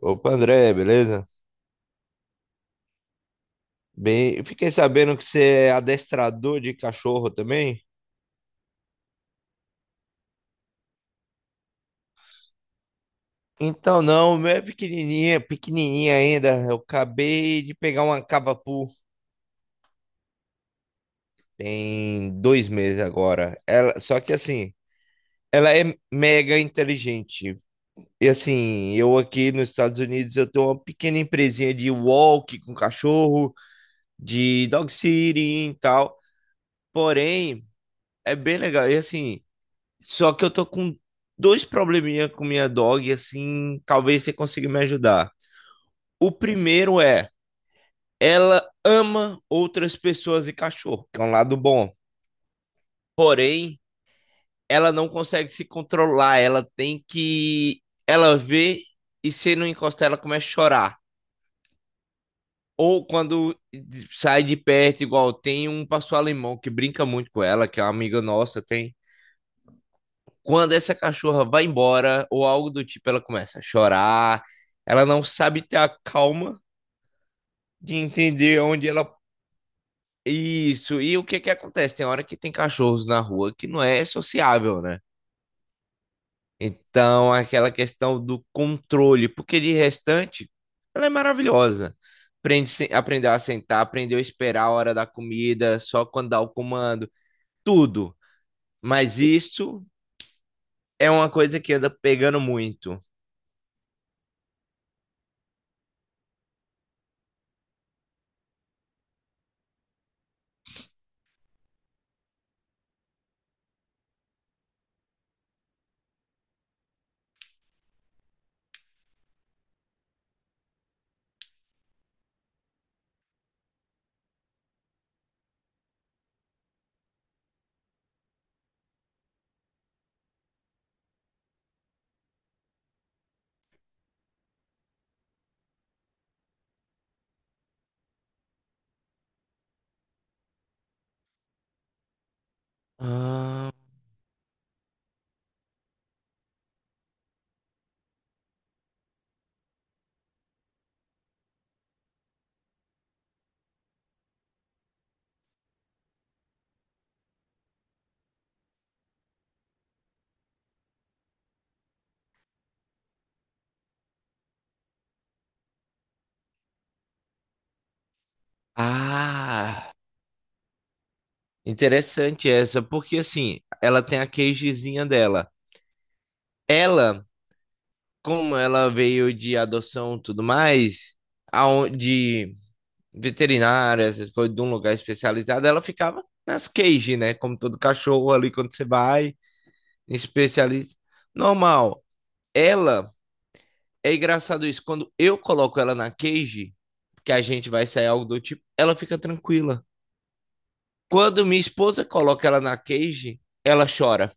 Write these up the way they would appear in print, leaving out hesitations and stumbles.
Opa, André, beleza? Bem, eu fiquei sabendo que você é adestrador de cachorro também. Então, não, meu é pequenininha, pequenininha ainda. Eu acabei de pegar uma cavapu, tem 2 meses agora. Ela, só que assim, ela é mega inteligente. E assim, eu aqui nos Estados Unidos, eu tenho uma pequena empresinha de walk com cachorro, de dog sitting e tal. Porém, é bem legal. E assim, só que eu tô com dois probleminha com minha dog, assim, talvez você consiga me ajudar. O primeiro é, ela ama outras pessoas e cachorro, que é um lado bom. Porém, ela não consegue se controlar, ela tem que ela vê e se não encostar ela começa a chorar. Ou quando sai de perto, igual tem um pastor alemão que brinca muito com ela, que é uma amiga nossa. Tem Quando essa cachorra vai embora, ou algo do tipo, ela começa a chorar, ela não sabe ter a calma de entender onde ela. Isso, e o que que acontece? Tem hora que tem cachorros na rua que não é sociável, né? Então, aquela questão do controle, porque de restante, ela é maravilhosa. Aprende, aprendeu a sentar, aprendeu a esperar a hora da comida, só quando dá o comando, tudo. Mas isso é uma coisa que anda pegando muito. Ah, Ah, interessante essa, porque assim, ela tem a queijezinha dela. Ela, como ela veio de adoção e tudo mais, de veterinária, essas coisas, de um lugar especializado, ela ficava nas queijes, né? Como todo cachorro ali, quando você vai, especialista. Normal. Ela, é engraçado isso, quando eu coloco ela na cage, que a gente vai sair algo do tipo, ela fica tranquila. Quando minha esposa coloca ela na cage, ela chora.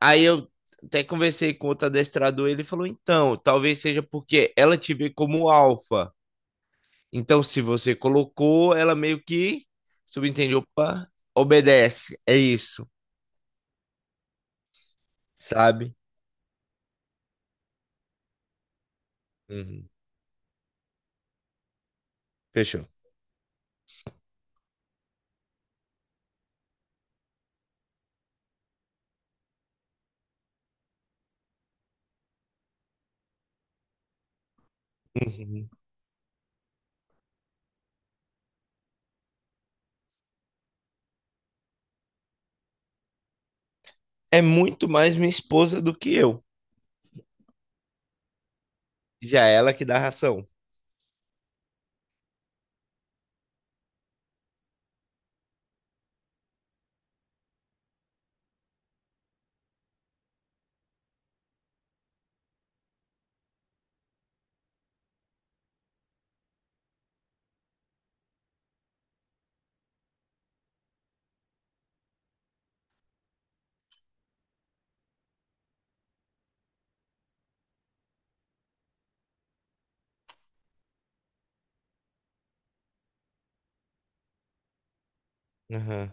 Aí eu até conversei com outro adestrador, ele falou: então, talvez seja porque ela te vê como alfa. Então, se você colocou, ela meio que subentende, opa, obedece. É isso, sabe? Uhum. Fechou. Uhum. É muito mais minha esposa do que eu. Já é ela que dá ração. Aham.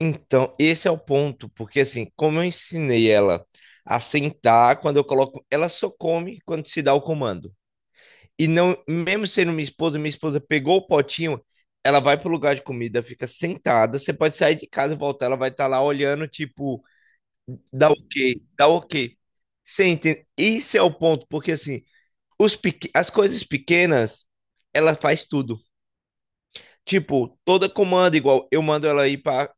Então, esse é o ponto, porque assim, como eu ensinei ela a sentar, quando eu coloco, ela só come quando se dá o comando. E não, mesmo sendo minha esposa pegou o potinho, ela vai pro lugar de comida, fica sentada. Você pode sair de casa e voltar, ela vai estar lá olhando, tipo, dá ok, dá ok. Você entende? Isso é o ponto, porque assim, as coisas pequenas, ela faz tudo. Tipo, toda comanda igual, eu mando ela ir pra,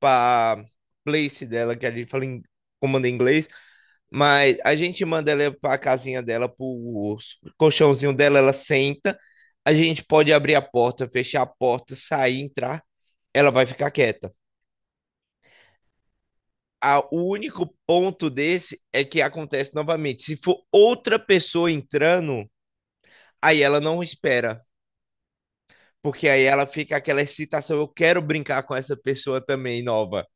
pra place dela, que a gente fala em comando em inglês, mas a gente manda ela pra casinha dela, pro colchãozinho dela, ela senta. A gente pode abrir a porta, fechar a porta, sair, entrar. Ela vai ficar quieta. O único ponto desse é que acontece novamente. Se for outra pessoa entrando, aí ela não espera. Porque aí ela fica aquela excitação. Eu quero brincar com essa pessoa também nova.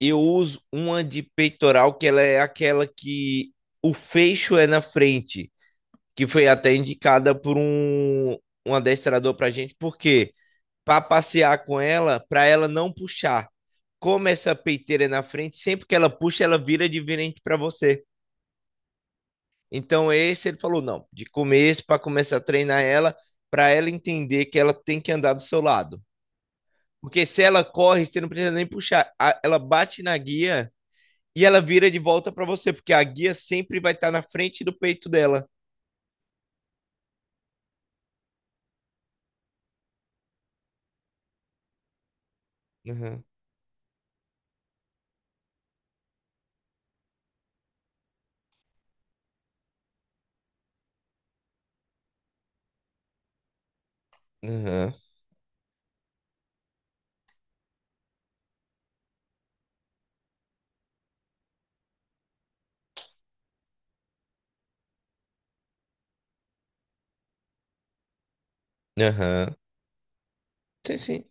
Eu uso uma de peitoral que ela é aquela que o fecho é na frente, que foi até indicada por um adestrador pra gente, porque para passear com ela, para ela não puxar. Como essa peiteira é na frente, sempre que ela puxa, ela vira de virente para você. Então esse ele falou não, de começo para começar a treinar ela, para ela entender que ela tem que andar do seu lado. Porque se ela corre, você não precisa nem puxar, ela bate na guia e ela vira de volta para você, porque a guia sempre vai estar na frente do peito dela. Aham, aham, aham. Sim, sim.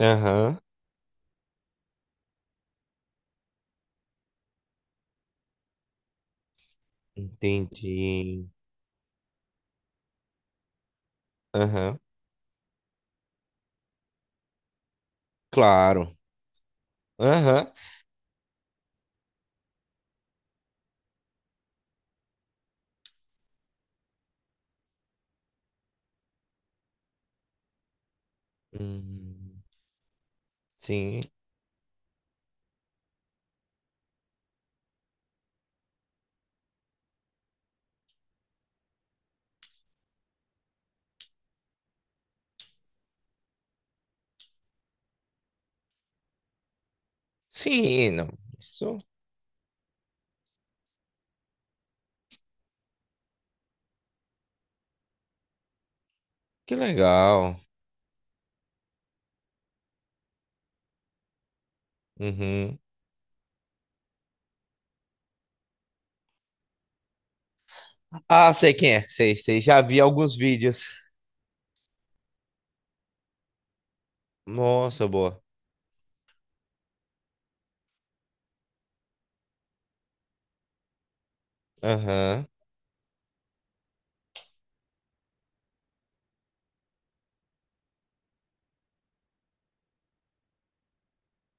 Aham, entendi. Aham, claro. Aham. Hum, sim. Sim, não. Isso, que legal. Uhum. Ah, sei quem é. Sei, sei. Já vi alguns vídeos. Nossa, boa. Aham,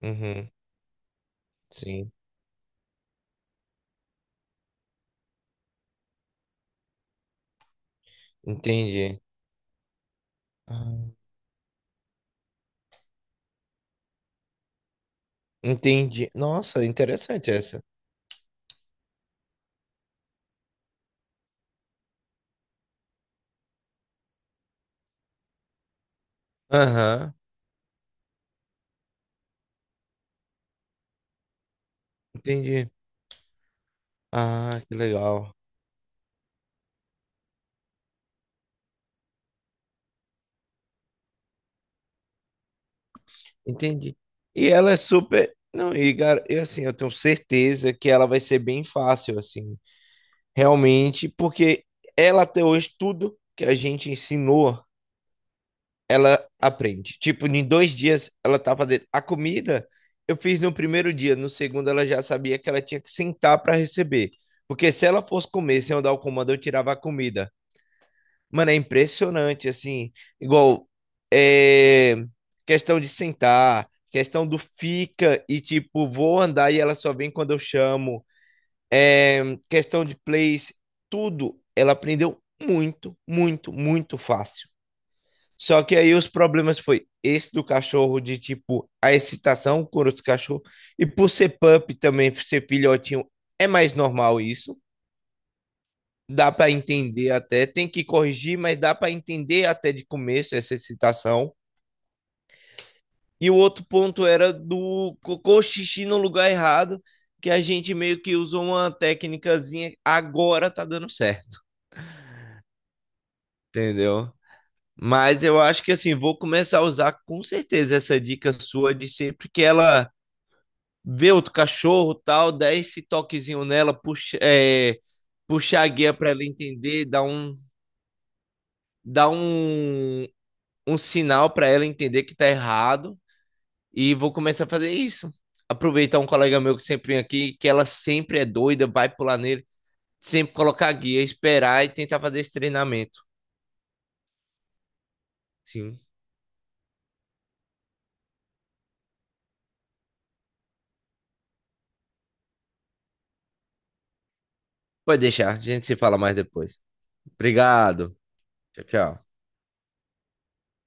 uhum. Sim, entendi. Ah, entendi. Nossa, interessante essa. Aham, entendi. Ah, que legal. Entendi. E ela é super. Não, e assim, eu tenho certeza que ela vai ser bem fácil, assim. Realmente, porque ela até hoje, tudo que a gente ensinou, ela aprende. Tipo, em 2 dias ela tá fazendo. A comida eu fiz no primeiro dia, no segundo ela já sabia que ela tinha que sentar para receber. Porque se ela fosse comer sem eu dar o comando, eu tirava a comida. Mano, é impressionante, assim. Igual, é, questão de sentar, questão do fica e tipo, vou andar e ela só vem quando eu chamo, é, questão de plays, tudo, ela aprendeu muito, muito, muito fácil. Só que aí os problemas foi esse do cachorro, de tipo, a excitação com os cachorros, e por ser pup também, ser filhotinho, é mais normal isso. Dá para entender até, tem que corrigir, mas dá para entender até de começo essa excitação. E o outro ponto era do cocô xixi no lugar errado, que a gente meio que usou uma técnicazinha, agora tá dando certo. Entendeu? Mas eu acho que assim, vou começar a usar com certeza essa dica sua de sempre que ela vê outro cachorro, tal, dá esse toquezinho nela, puxa, é, puxar a guia para ela entender, dá um, um sinal para ela entender que tá errado, e vou começar a fazer isso. Aproveitar um colega meu que sempre vem aqui, que ela sempre é doida, vai pular nele, sempre colocar a guia, esperar e tentar fazer esse treinamento. Sim. Pode deixar, a gente se fala mais depois. Obrigado. Tchau, tchau.